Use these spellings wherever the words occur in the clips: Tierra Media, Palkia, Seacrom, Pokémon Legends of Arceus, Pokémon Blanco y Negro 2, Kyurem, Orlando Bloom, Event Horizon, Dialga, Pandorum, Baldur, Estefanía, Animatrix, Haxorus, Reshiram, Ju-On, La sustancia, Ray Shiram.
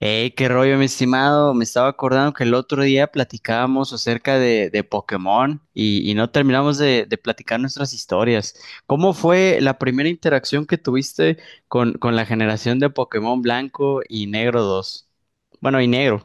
Hey, qué rollo, mi estimado. Me estaba acordando que el otro día platicábamos acerca de Pokémon y no terminamos de platicar nuestras historias. ¿Cómo fue la primera interacción que tuviste con la generación de Pokémon Blanco y Negro dos? Bueno, y Negro.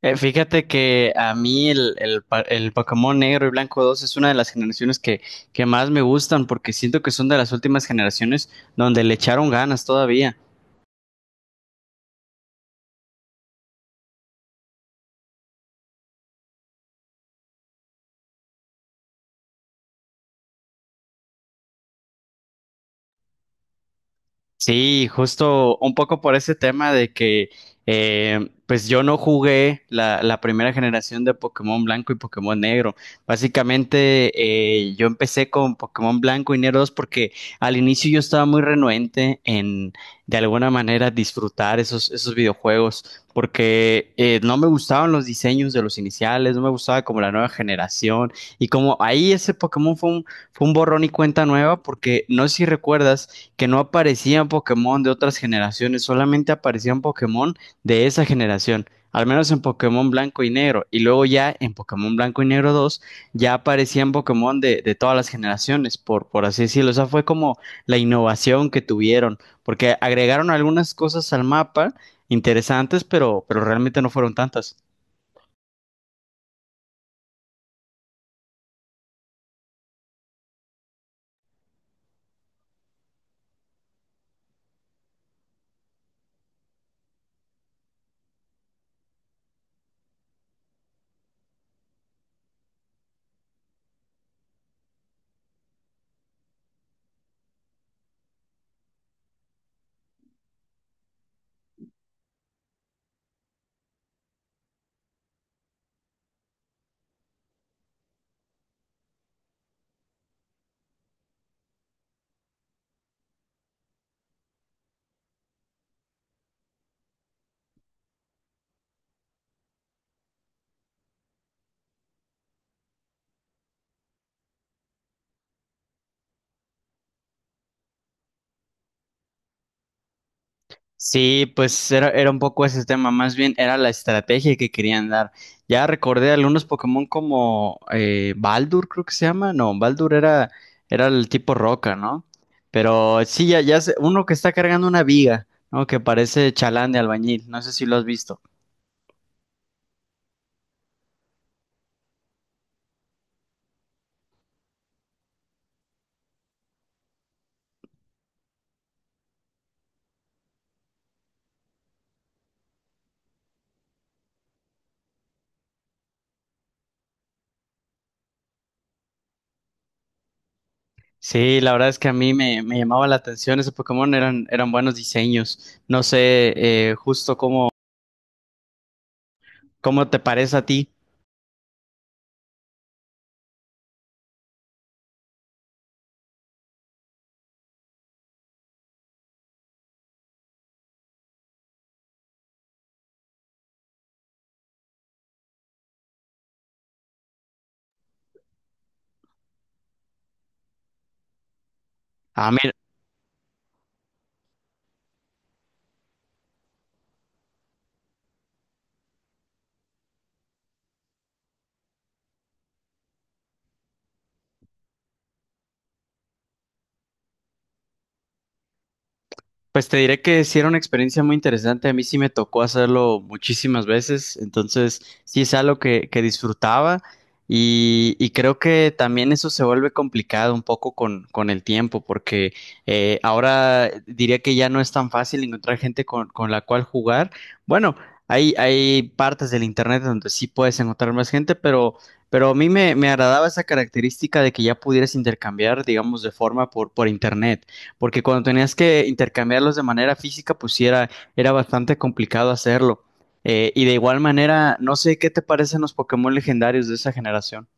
Fíjate que a mí el Pokémon Negro y Blanco 2 es una de las generaciones que más me gustan porque siento que son de las últimas generaciones donde le echaron ganas todavía. Sí, justo un poco por ese tema de que, pues yo no jugué la primera generación de Pokémon Blanco y Pokémon Negro. Básicamente, yo empecé con Pokémon Blanco y Negro 2 porque al inicio yo estaba muy renuente en, de alguna manera, disfrutar esos videojuegos, porque no me gustaban los diseños de los iniciales, no me gustaba como la nueva generación. Y como ahí ese Pokémon fue un borrón y cuenta nueva, porque no sé si recuerdas que no aparecían Pokémon de otras generaciones, solamente aparecían Pokémon de esa generación, al menos en Pokémon Blanco y Negro, y luego ya en Pokémon Blanco y Negro 2 ya aparecían Pokémon de todas las generaciones, por así decirlo, o sea, fue como la innovación que tuvieron, porque agregaron algunas cosas al mapa interesantes, pero realmente no fueron tantas. Sí, era un poco ese tema, más bien era la estrategia que querían dar. Ya recordé algunos Pokémon como Baldur, creo que se llama, no, era el tipo roca, ¿no? Pero sí, ya, uno que está cargando una viga, ¿no? Que parece chalán de albañil, no sé si lo has visto. Sí, la verdad es que a mí me llamaba la atención ese Pokémon, eran buenos diseños. No sé justo cómo, cómo te parece a ti. A mí pues te diré que sí era una experiencia muy interesante. A mí sí me tocó hacerlo muchísimas veces. Entonces, sí es algo que disfrutaba. Y creo que también eso se vuelve complicado un poco con el tiempo, porque ahora diría que ya no es tan fácil encontrar gente con la cual jugar. Bueno, hay partes del internet donde sí puedes encontrar más gente, pero a mí me agradaba esa característica de que ya pudieras intercambiar, digamos, por internet porque cuando tenías que intercambiarlos de manera física, era bastante complicado hacerlo. Y de igual manera, no sé qué te parecen los Pokémon legendarios de esa generación.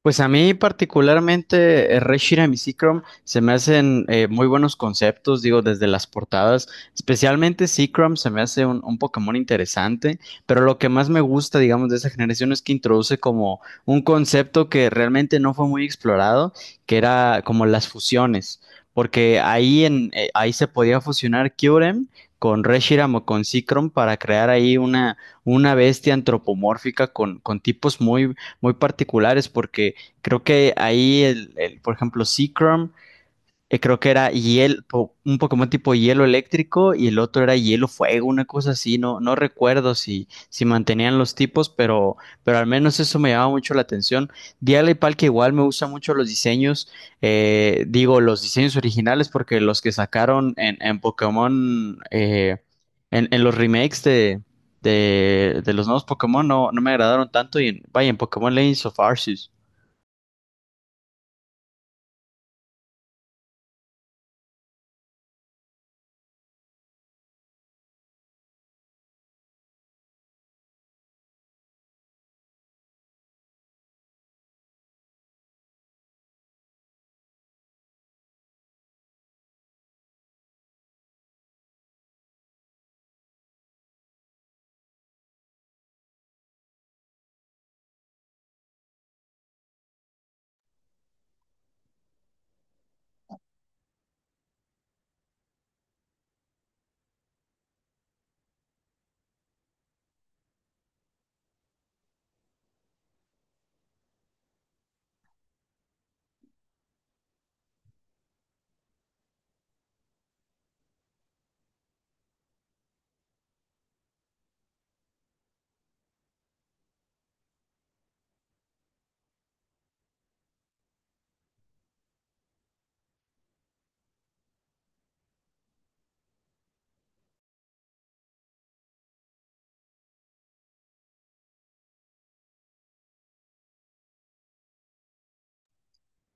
Pues a mí particularmente Ray Shiram y Seacrom se me hacen muy buenos conceptos, digo, desde las portadas. Especialmente Seacrom se me hace un Pokémon interesante, pero lo que más me gusta, digamos, de esa generación es que introduce como un concepto que realmente no fue muy explorado, que era como las fusiones, porque ahí se podía fusionar Kyurem con Reshiram o con Seacrom para crear una bestia antropomórfica con tipos muy particulares porque creo que ahí, por ejemplo, Seacrom, creo que era un Pokémon tipo hielo eléctrico y el otro era hielo fuego, una cosa así. No recuerdo si mantenían los tipos, pero al menos eso me llamaba mucho la atención. Dialga y Palkia igual me gustan mucho los diseños, digo, los diseños originales, porque los que sacaron en los remakes de los nuevos Pokémon no me agradaron tanto vaya, en Pokémon Legends of Arceus.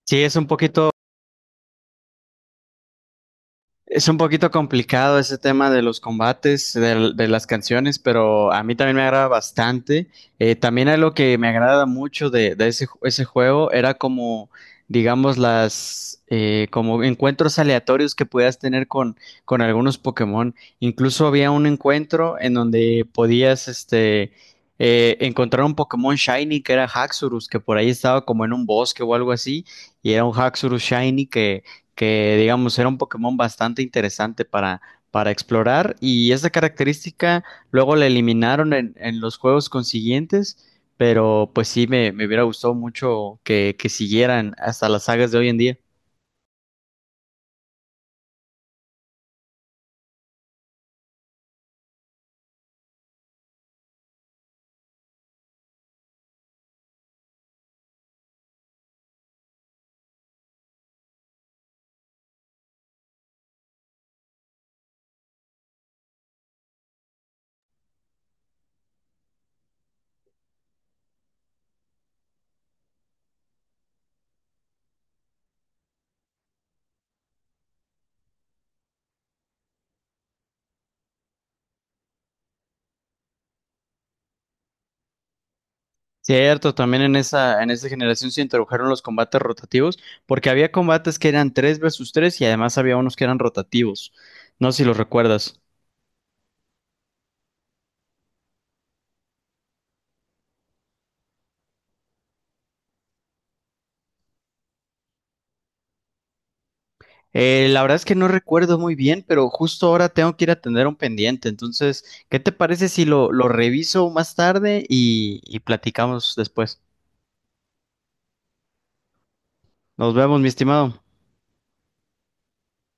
Sí, es un poquito complicado ese tema de los combates, las canciones, pero a mí también me agrada bastante. También algo que me agrada mucho de ese, ese juego era como, digamos, las como encuentros aleatorios que podías tener con algunos Pokémon. Incluso había un encuentro en donde podías encontrar un Pokémon Shiny que era Haxorus, que por ahí estaba como en un bosque o algo así, y era un Haxorus Shiny que digamos era un Pokémon bastante interesante para explorar y esta característica luego la eliminaron en los juegos consiguientes, pero pues sí me hubiera gustado mucho que siguieran hasta las sagas de hoy en día. Cierto, también en esa generación se introdujeron los combates rotativos, porque había combates que eran 3 versus 3 y además había unos que eran rotativos. No sé si los recuerdas. La verdad es que no recuerdo muy bien, pero justo ahora tengo que ir a atender un pendiente. Entonces, ¿qué te parece si lo reviso más tarde y platicamos después? Nos vemos, mi estimado.